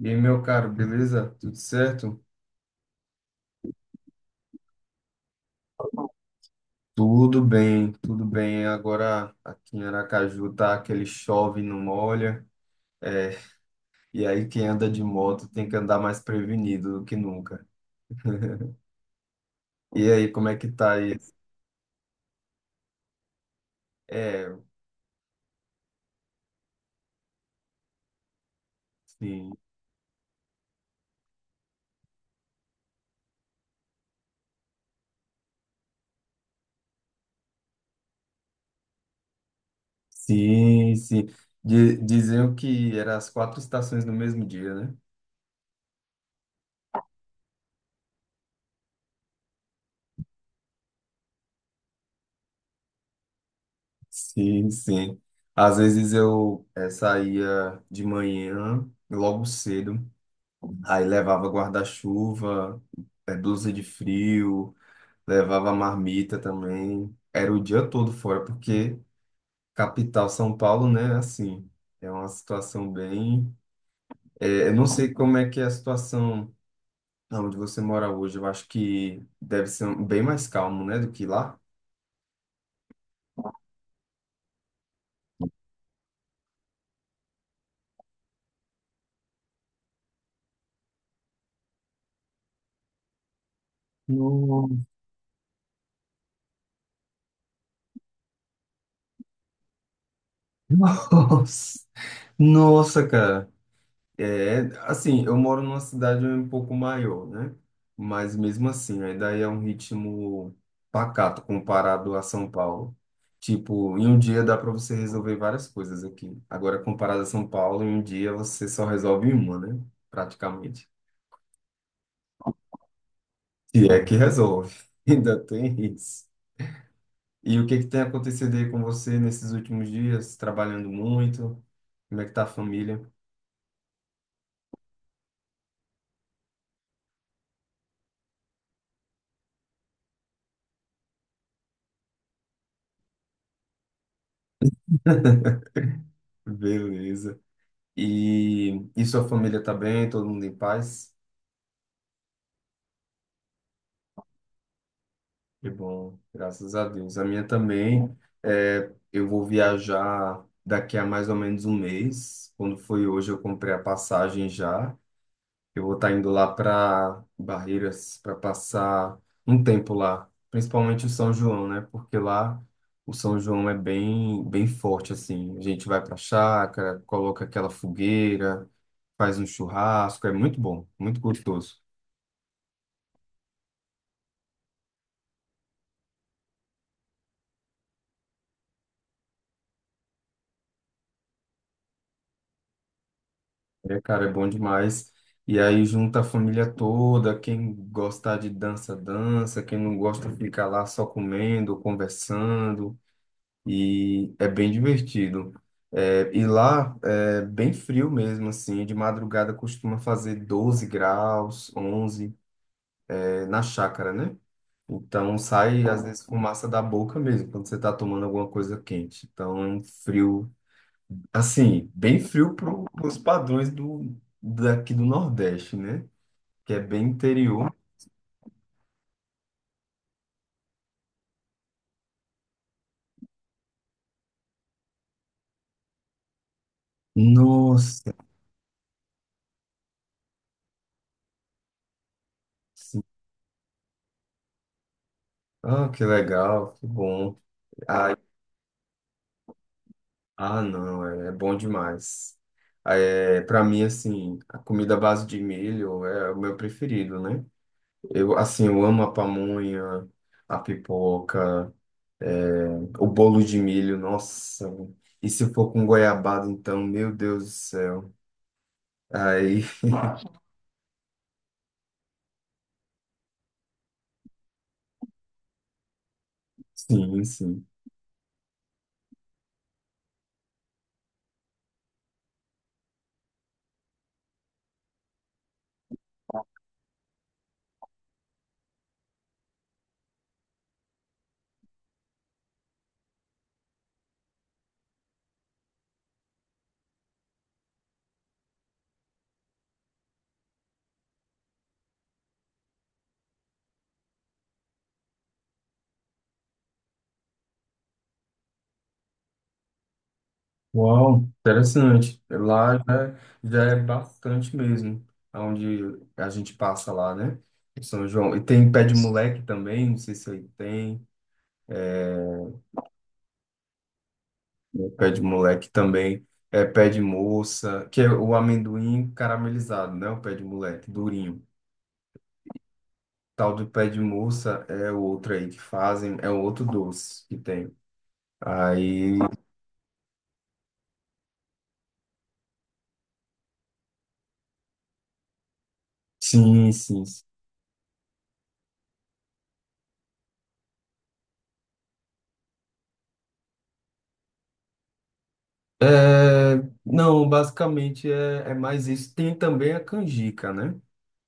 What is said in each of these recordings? E aí, meu caro, beleza? Tudo certo? Tudo bem, tudo bem. Agora aqui em Aracaju tá aquele chove, e não molha. É, e aí quem anda de moto tem que andar mais prevenido do que nunca. E aí, como é que tá isso? É, sim, sim, sim. Diziam que eram as quatro estações no mesmo dia, né? Sim, sim. Às vezes eu saía de manhã, logo cedo. Aí levava guarda-chuva, blusa de frio, levava marmita também. Era o dia todo fora, porque capital São Paulo, né? Assim, é uma situação bem. Eu não sei como é que é a situação onde você mora hoje. Eu acho que deve ser bem mais calmo, né, do que lá. Nossa, nossa, cara. É, assim, eu moro numa cidade um pouco maior, né? Mas mesmo assim, ainda é um ritmo pacato comparado a São Paulo. Tipo, em um dia dá para você resolver várias coisas aqui. Agora, comparado a São Paulo, em um dia você só resolve uma, né? Praticamente. Se é que resolve. Ainda tem isso. E o que que tem acontecido aí com você nesses últimos dias? Trabalhando muito? Como é que tá a família? Beleza. E sua família tá bem? Todo mundo em paz? Que bom, graças a Deus. A minha também. É, eu vou viajar daqui a mais ou menos um mês. Quando foi hoje, eu comprei a passagem já. Eu vou estar indo lá para Barreiras para passar um tempo lá, principalmente o São João, né? Porque lá o São João é bem, bem forte assim. A gente vai para a chácara, coloca aquela fogueira, faz um churrasco, é muito bom, muito gostoso. É, cara, é bom demais. E aí junta a família toda, quem gostar de dança, dança, quem não gosta fica lá só comendo, conversando, e é bem divertido. É, e lá é bem frio mesmo, assim, de madrugada costuma fazer 12 graus, 11, é, na chácara, né? Então sai, às vezes, fumaça da boca mesmo, quando você tá tomando alguma coisa quente. Então é um frio. Assim, bem frio para os padrões do, daqui do Nordeste, né? Que é bem interior. Nossa, sim. Ah, que legal, que bom. Ah ah, não, é, é bom demais. É, para mim, assim, a comida à base de milho é o meu preferido, né? Eu, assim, eu amo a pamonha, a pipoca, é, o bolo de milho, nossa. E se for com goiabada, então, meu Deus do céu. Aí, sim, sim. Uau, interessante. Lá já, já é bastante mesmo, onde a gente passa lá, né? Em São João. E tem pé de moleque também, não sei se aí tem. É, né, pé de moleque também. É pé de moça, que é o amendoim caramelizado, né? O pé de moleque, durinho. Tal do pé de moça é outro aí que fazem, é um outro doce que tem. Aí, sim, sim. Sim. É, não, basicamente é, é mais isso. Tem também a canjica, né?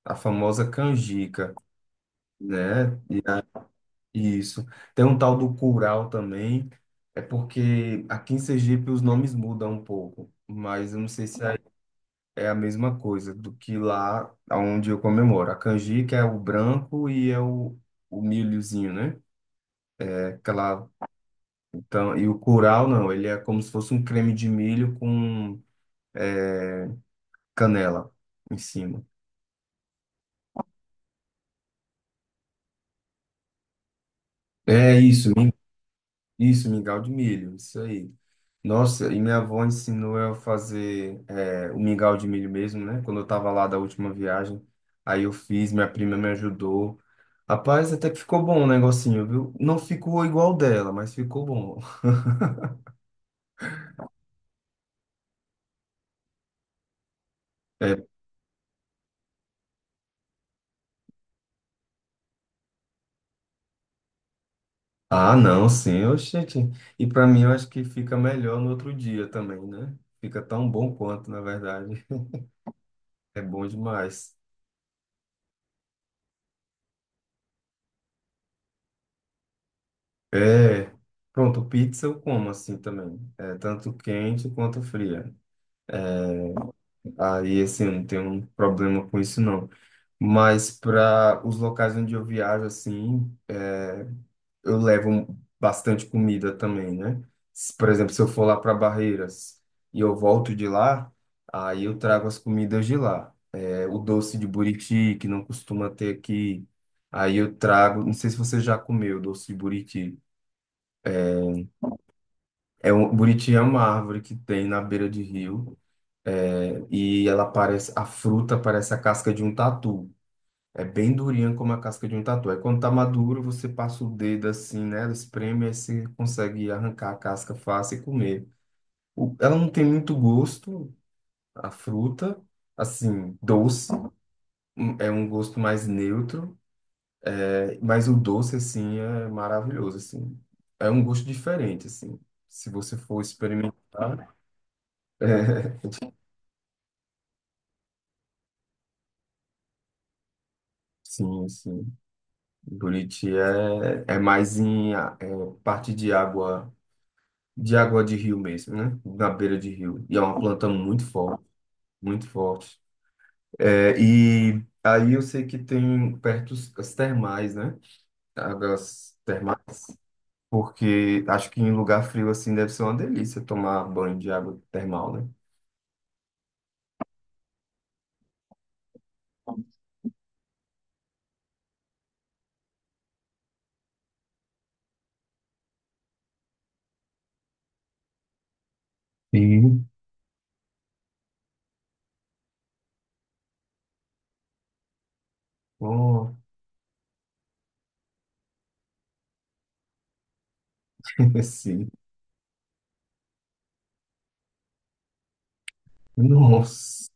A famosa canjica, né? Isso. Tem um tal do curau também. É porque aqui em Sergipe os nomes mudam um pouco, mas eu não sei se aí é a mesma coisa do que lá onde eu comemoro. A canjica é o branco e é o milhozinho, né? É aquela, então, e o curau não, ele é como se fosse um creme de milho com é, canela em cima. É isso. Isso, mingau de milho, isso aí. Nossa, e minha avó ensinou eu a fazer é, o mingau de milho mesmo, né? Quando eu tava lá da última viagem, aí eu fiz, minha prima me ajudou. Rapaz, até que ficou bom o negocinho, viu? Não ficou igual dela, mas ficou bom. É, ah, não, sim, oxente. E pra mim eu acho que fica melhor no outro dia também, né? Fica tão bom quanto, na verdade. É bom demais. É. Pronto, pizza eu como assim também. É, tanto quente quanto fria. Aí, assim, eu não tenho um problema com isso, não. Mas para os locais onde eu viajo, assim, é, eu levo bastante comida também, né? Por exemplo, se eu for lá para Barreiras e eu volto de lá, aí eu trago as comidas de lá. É, o doce de buriti, que não costuma ter aqui. Aí eu trago, não sei se você já comeu doce de buriti. É um, buriti é uma árvore que tem na beira de rio. É, e ela parece, a fruta parece a casca de um tatu. É bem durinha como a casca de um tatu. Aí quando tá maduro, você passa o dedo assim né? Espreme, aí você consegue arrancar a casca fácil e comer. Ela não tem muito gosto, a fruta, assim, doce. É um gosto mais neutro, é, mas o doce, assim, é maravilhoso, assim. É um gosto diferente, assim. Se você for experimentar, é, sim, sim. Buriti é, é mais em é, parte de água de água de rio mesmo, né? Na beira de rio. E é uma planta muito forte, muito forte. É, e aí eu sei que tem perto as termais, né? Águas termais. Porque acho que em lugar frio assim deve ser uma delícia tomar banho de água termal, né? Sim. Oh, sim. Nossa.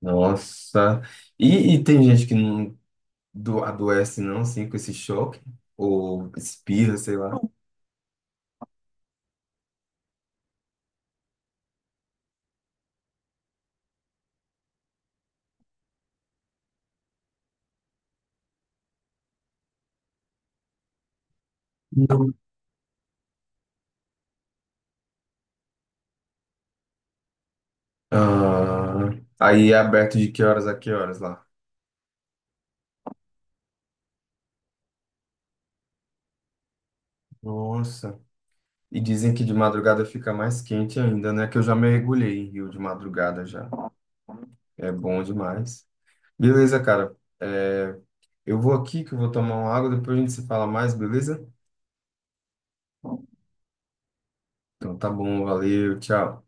Nossa. E tem gente que não adoece não, assim, com esse choque? Ou espirra, sei lá. Ah, aí é aberto de que horas a que horas lá? Nossa. E dizem que de madrugada fica mais quente ainda, né? Que eu já mergulhei em rio de madrugada já. É bom demais. Beleza, cara. É, eu vou aqui que eu vou tomar uma água, depois a gente se fala mais, beleza? Então tá bom, valeu, tchau.